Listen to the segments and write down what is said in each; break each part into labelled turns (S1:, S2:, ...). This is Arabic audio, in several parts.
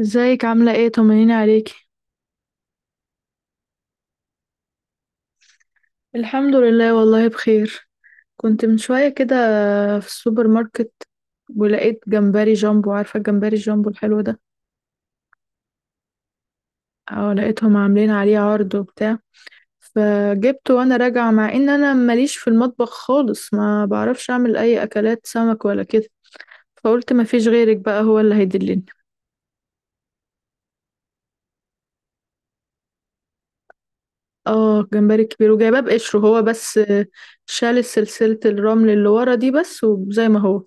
S1: ازيك؟ عاملة ايه؟ طمنيني عليكي. الحمد لله، والله بخير. كنت من شوية كده في السوبر ماركت، ولقيت جمبري جامبو، عارفة الجمبري الجامبو الحلو ده؟ اه، لقيتهم عاملين عليه عرض وبتاع، فجبته وانا راجعة. مع ان انا ماليش في المطبخ خالص، ما بعرفش اعمل اي اكلات سمك ولا كده، فقلت ما فيش غيرك بقى، هو اللي هيدلني. اه، جمبري كبير وجايباه بقشره هو بس. شال سلسلة الرمل اللي ورا دي بس، وزي ما هو.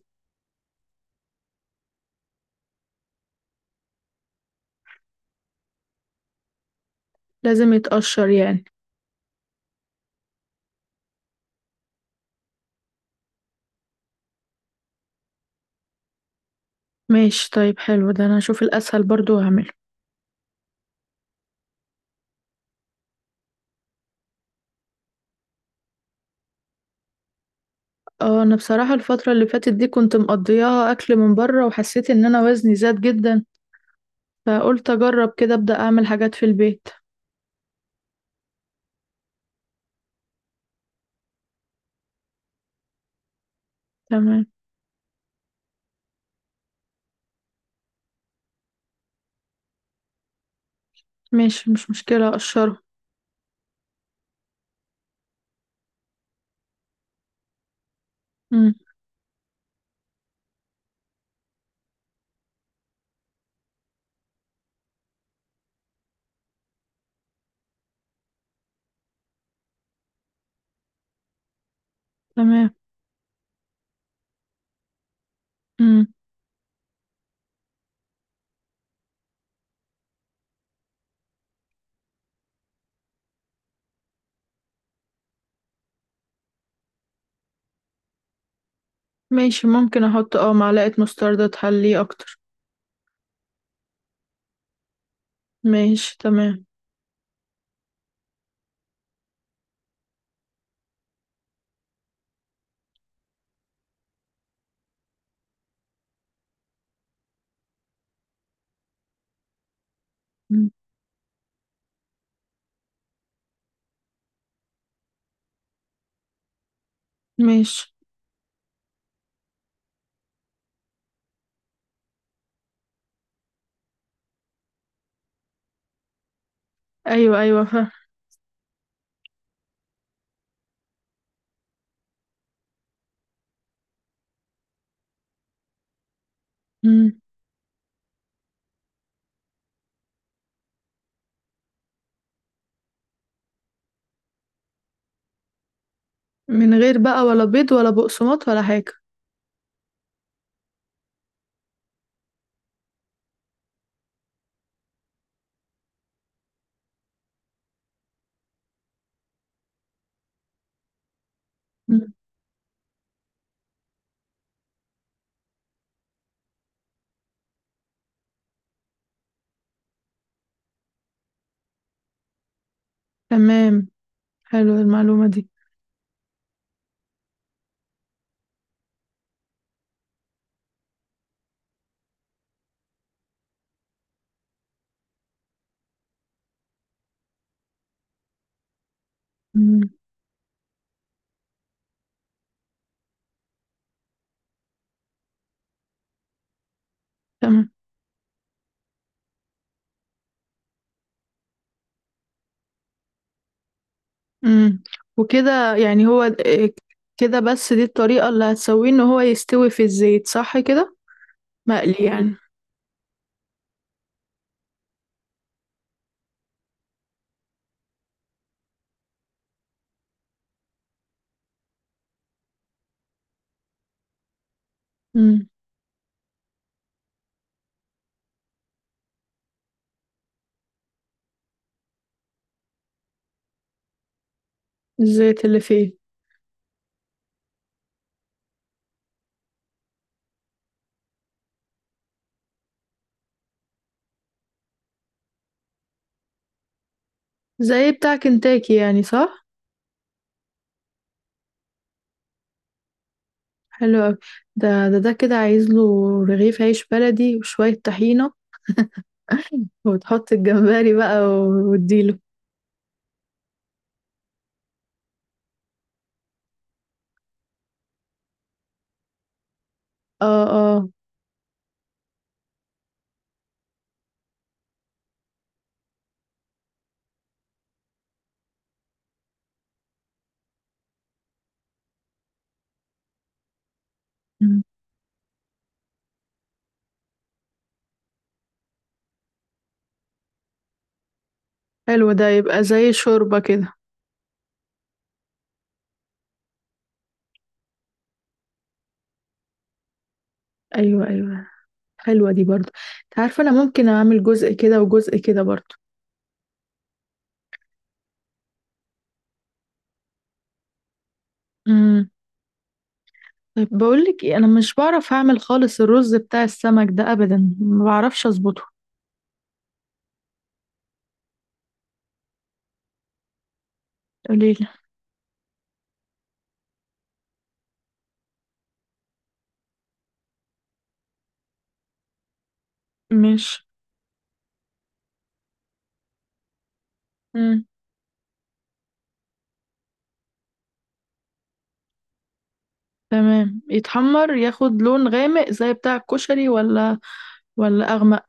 S1: لازم يتقشر يعني؟ ماشي طيب، حلو ده، انا اشوف الاسهل برضو واعمله. اه، انا بصراحة الفترة اللي فاتت دي كنت مقضياها اكل من بره، وحسيت ان انا وزني زاد جدا، فقلت اجرب كده ابدا اعمل حاجات في البيت. تمام. ماشي، مش مشكلة، اقشره. امم. تمام. امم. ماشي، ممكن احط معلقة مستردة تحليه اكتر. ماشي تمام. مم. ماشي. ايوه ايوه، فاهم. مم. من غير بقى ولا بيض ولا بقسماط ولا حاجة؟ مم. تمام، حلو المعلومة دي. مم. تمام. امم. وكده يعني هو إيه؟ كده بس، دي الطريقة اللي هتسويه ان هو يستوي في الزيت، صح كده؟ مقلي يعني. امم. الزيت اللي فيه. زي بتاع كنتاكي يعني، صح؟ حلو أوي. ده كده عايز له رغيف عيش بلدي وشوية طحينة. وتحط الجمبري بقى وتديله. اه اه. مم. حلو، ده يبقى زي شوربة كده. ايوه ايوه. حلوة دي برضو. انت عارفة انا ممكن اعمل جزء كده وجزء كده برضو. مم. طيب بقولك ايه، انا مش بعرف اعمل خالص الرز بتاع السمك ده ابدا، ما بعرفش اظبطه. قليل. مش. مم. تمام يتحمر، ياخد لون غامق زي بتاع الكشري، ولا اغمق؟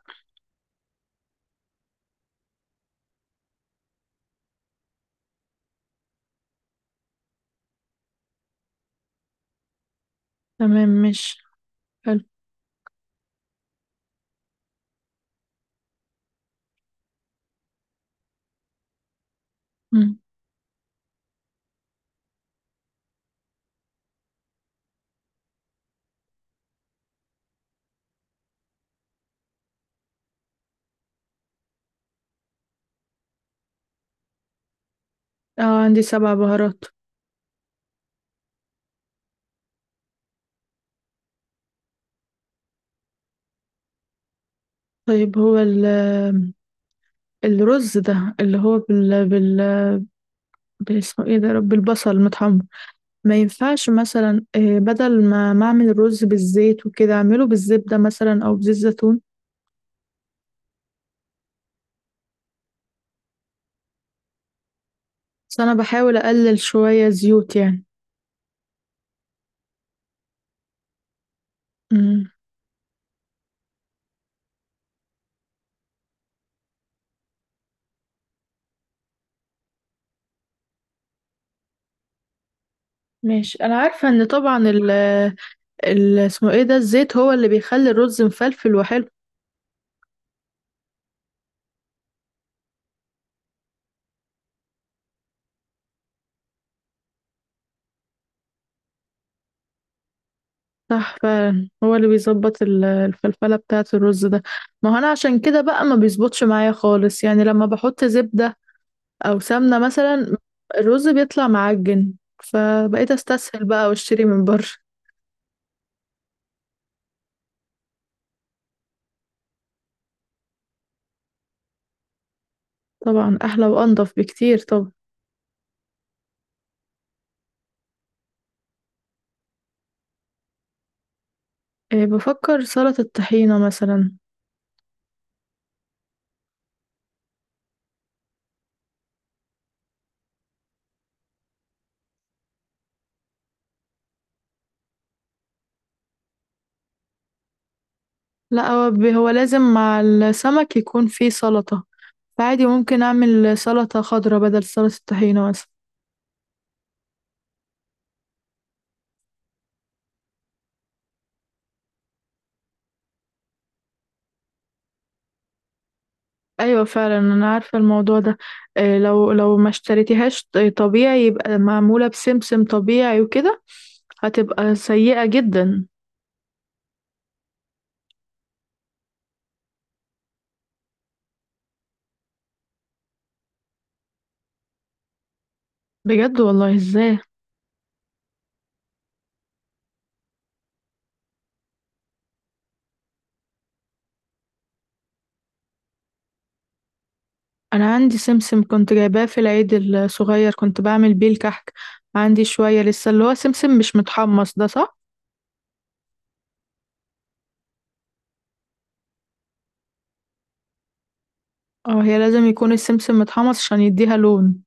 S1: تمام، مش. حلو. مم. اه، عندي سبع بهارات. طيب، هو الرز ده اللي هو بال اسمه ايه ده يا رب، البصل متحمر. ما ينفعش مثلا، بدل ما اعمل الرز بالزيت وكده، اعمله بالزبدة مثلا او بزيت زيتون؟ بس انا بحاول اقلل شوية زيوت يعني. امم. ماشي، انا عارفة ان طبعا ال اسمه ايه ده، الزيت هو اللي بيخلي الرز مفلفل وحلو. صح فعلا، هو اللي بيظبط الفلفلة بتاعة الرز ده. ما هو انا عشان كده بقى ما بيظبطش معايا خالص يعني، لما بحط زبدة او سمنة مثلا، الرز بيطلع معجن، فبقيت استسهل بقى واشتري من بره. طبعا احلى وانضف بكتير. طب، إيه، بفكر سلطة الطحينة مثلا. لا، هو هو لازم مع السمك يكون فيه سلطة، فعادي ممكن أعمل سلطة خضراء بدل سلطة الطحينة مثلا. أيوة فعلا، أنا عارفة الموضوع ده. إيه، لو ما اشتريتيهاش طبيعي، يبقى معمولة بسمسم طبيعي وكده، هتبقى سيئة جدا. بجد والله؟ ازاي؟ أنا عندي سمسم كنت جايباه في العيد الصغير، كنت بعمل بيه الكحك. عندي شوية لسه اللي هو سمسم مش متحمص ده، صح؟ اه، هي لازم يكون السمسم متحمص عشان يديها لون.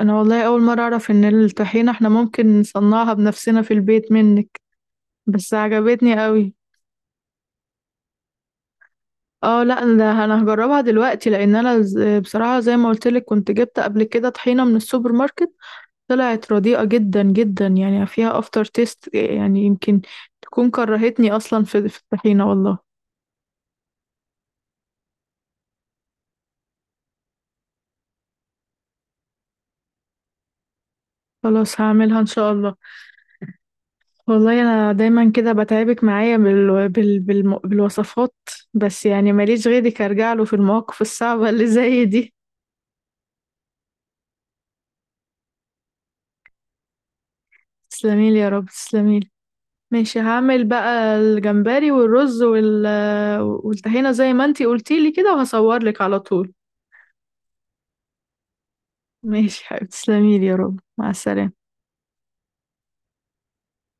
S1: انا والله اول مره اعرف ان الطحينه احنا ممكن نصنعها بنفسنا في البيت منك، بس عجبتني قوي. اه، لا ده انا هجربها دلوقتي، لان انا بصراحه زي ما قلت لك، كنت جبت قبل كده طحينه من السوبر ماركت، طلعت رديئه جدا جدا يعني، فيها افتر تيست، يعني يمكن تكون كرهتني اصلا في الطحينه والله. خلاص، هعملها ان شاء الله. والله انا دايما كده بتعبك معايا بالوصفات، بس يعني ماليش غيرك ارجع له في المواقف الصعبه اللي زي دي. تسلميلي يا رب، تسلميلي. ماشي، هعمل بقى الجمبري والرز والطحينة زي ما انتي قلتيلي كده، وهصورلك على طول. ماشي حبيبتي، تسلميلي يا رب، مع السلامة.